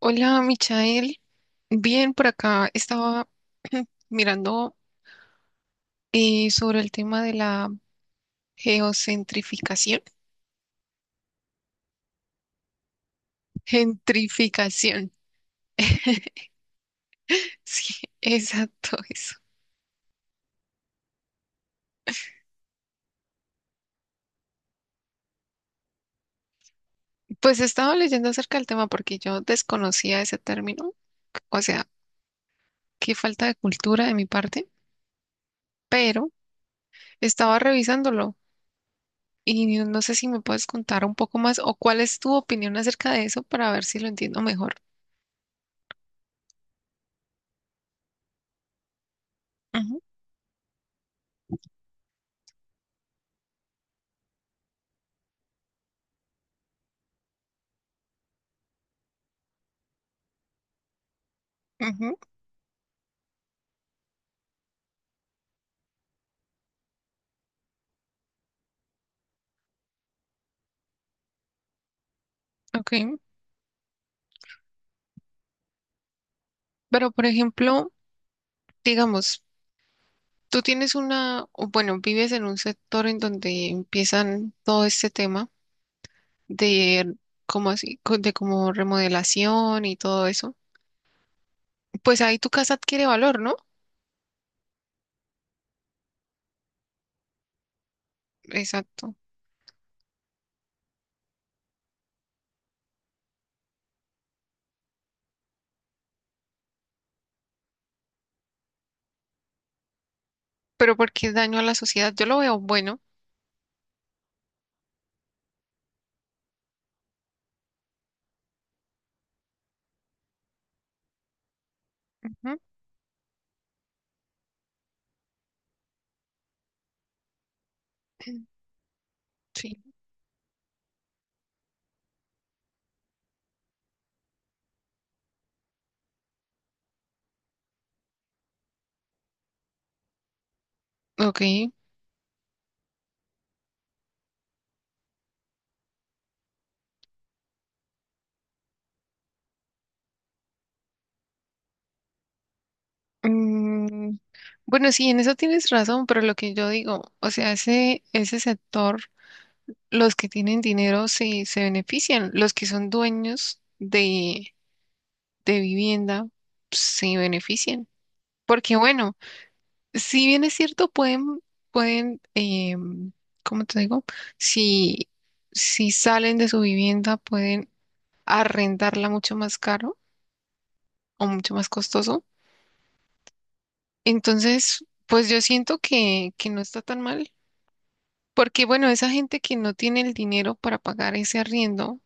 Hola, Michael. Bien, por acá estaba mirando sobre el tema de la geocentrificación. Gentrificación. Sí, exacto, eso. Pues estaba leyendo acerca del tema porque yo desconocía ese término. O sea, qué falta de cultura de mi parte, pero estaba revisándolo y no sé si me puedes contar un poco más o cuál es tu opinión acerca de eso para ver si lo entiendo mejor. Ujú, ujú, ok. Pero, por ejemplo, digamos, tú tienes una, o bueno, vives en un sector en donde empiezan todo este tema de como así, de como remodelación y todo eso. Pues ahí tu casa adquiere valor, ¿no? Exacto. Pero porque es daño a la sociedad, yo lo veo bueno. Ujú. Sí, ok. Mm, bueno, sí, en eso tienes razón, pero lo que yo digo, o sea, ese sector, los que tienen dinero se benefician, los que son dueños de vivienda se beneficien. Porque bueno, si bien es cierto, pueden, ¿cómo te digo? Si, si salen de su vivienda, pueden arrendarla mucho más caro o mucho más costoso. Entonces, pues yo siento que no está tan mal. Porque bueno, esa gente que no tiene el dinero para pagar ese arriendo,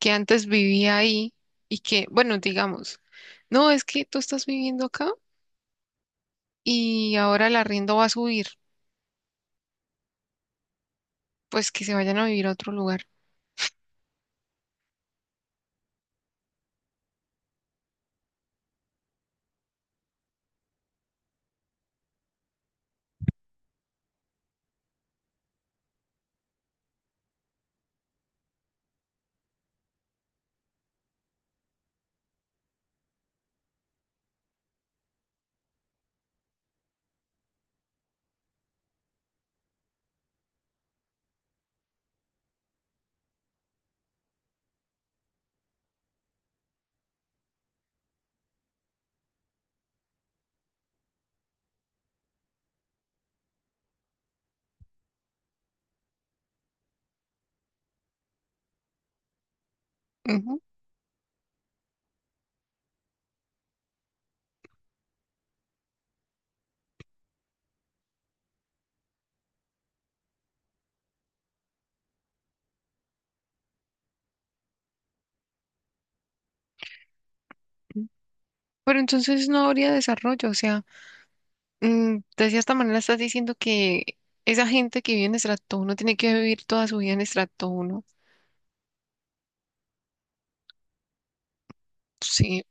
que antes vivía ahí y que, bueno, digamos, no, es que tú estás viviendo acá y ahora el arriendo va a subir, pues que se vayan a vivir a otro lugar. Ujú. Pero entonces no habría desarrollo, o sea, mm, de cierta manera estás diciendo que esa gente que vive en estrato 1 tiene que vivir toda su vida en estrato 1. Sí,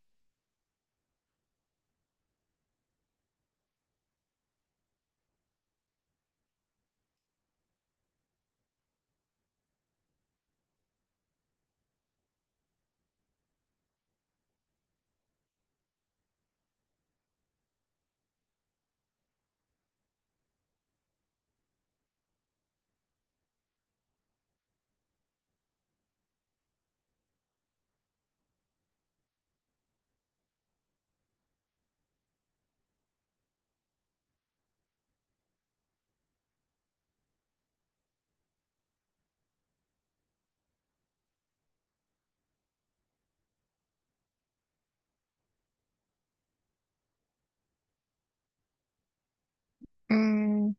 mm,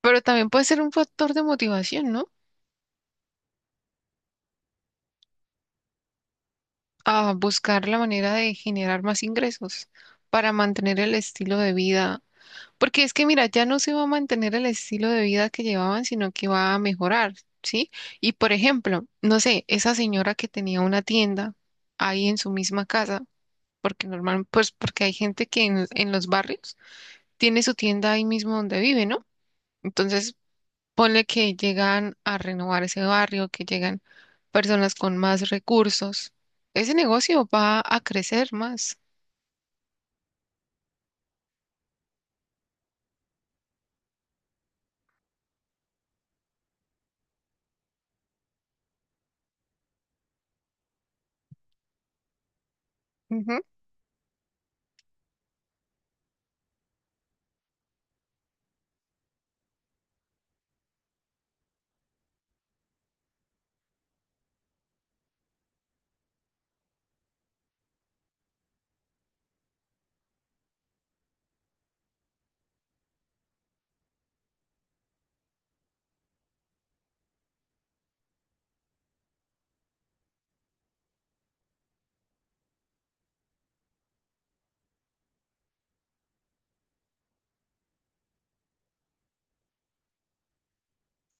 pero también puede ser un factor de motivación, ¿no? A buscar la manera de generar más ingresos para mantener el estilo de vida. Porque es que, mira, ya no se va a mantener el estilo de vida que llevaban, sino que va a mejorar, ¿sí? Y por ejemplo, no sé, esa señora que tenía una tienda ahí en su misma casa, porque normal, pues porque hay gente que en los barrios tiene su tienda ahí mismo donde vive, ¿no? Entonces, ponle que llegan a renovar ese barrio, que llegan personas con más recursos. Ese negocio va a crecer más. Ujú,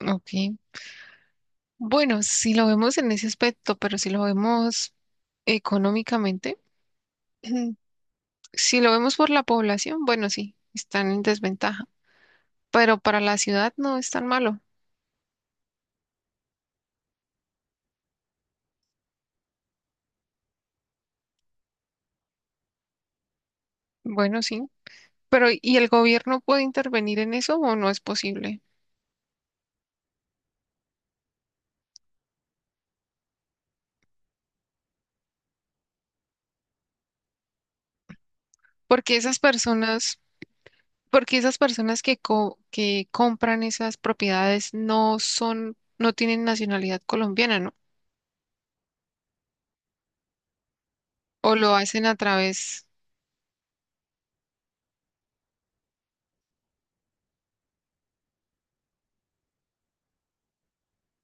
ok. Bueno, si lo vemos en ese aspecto, pero si lo vemos económicamente, si lo vemos por la población, bueno, sí, están en desventaja, pero para la ciudad no es tan malo. Bueno, sí, pero ¿y el gobierno puede intervenir en eso o no es posible? Porque esas personas, porque esas personas que que compran esas propiedades no son, no tienen nacionalidad colombiana, ¿no? O lo hacen a través,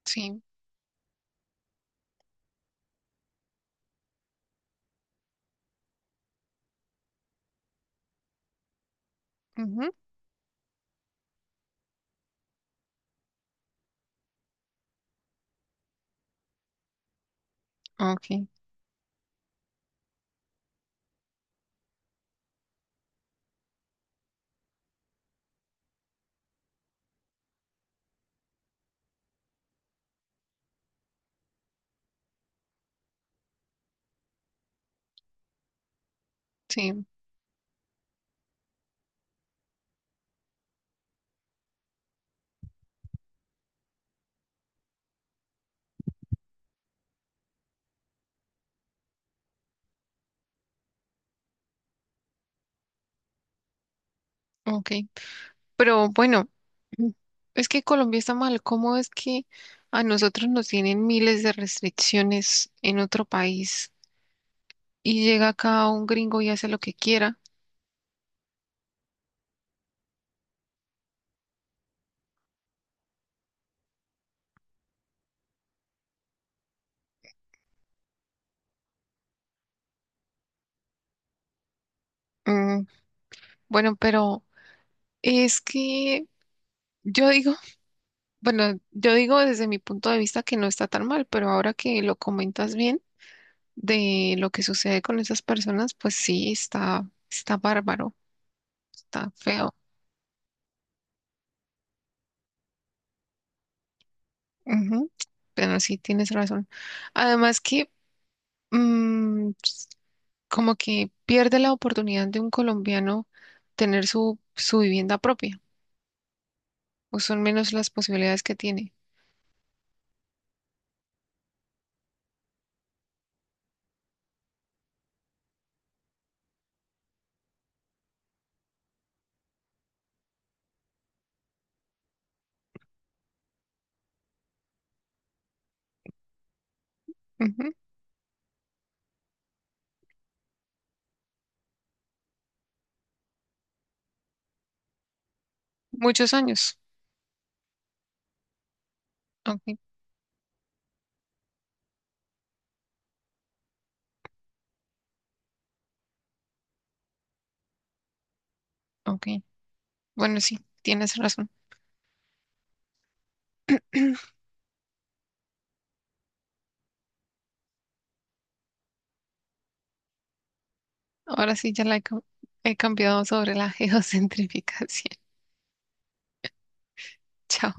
sí, ujú, ok, sí, ok. Pero bueno, mm, es que Colombia está mal. ¿Cómo es que a nosotros nos tienen miles de restricciones en otro país y llega acá un gringo y hace lo que quiera? Mm, bueno, pero es que yo digo, bueno, yo digo desde mi punto de vista que no está tan mal, pero ahora que lo comentas bien de lo que sucede con esas personas, pues sí, está bárbaro, está feo. Ujú, pero sí, tienes razón. Además que mm, como que pierde la oportunidad de un colombiano tener su vivienda propia, o son menos las posibilidades que tiene. Ujú, muchos años. Ok, ok. Bueno, sí, tienes razón. Ahora sí ya he cambiado sobre la geocentrificación. Chao.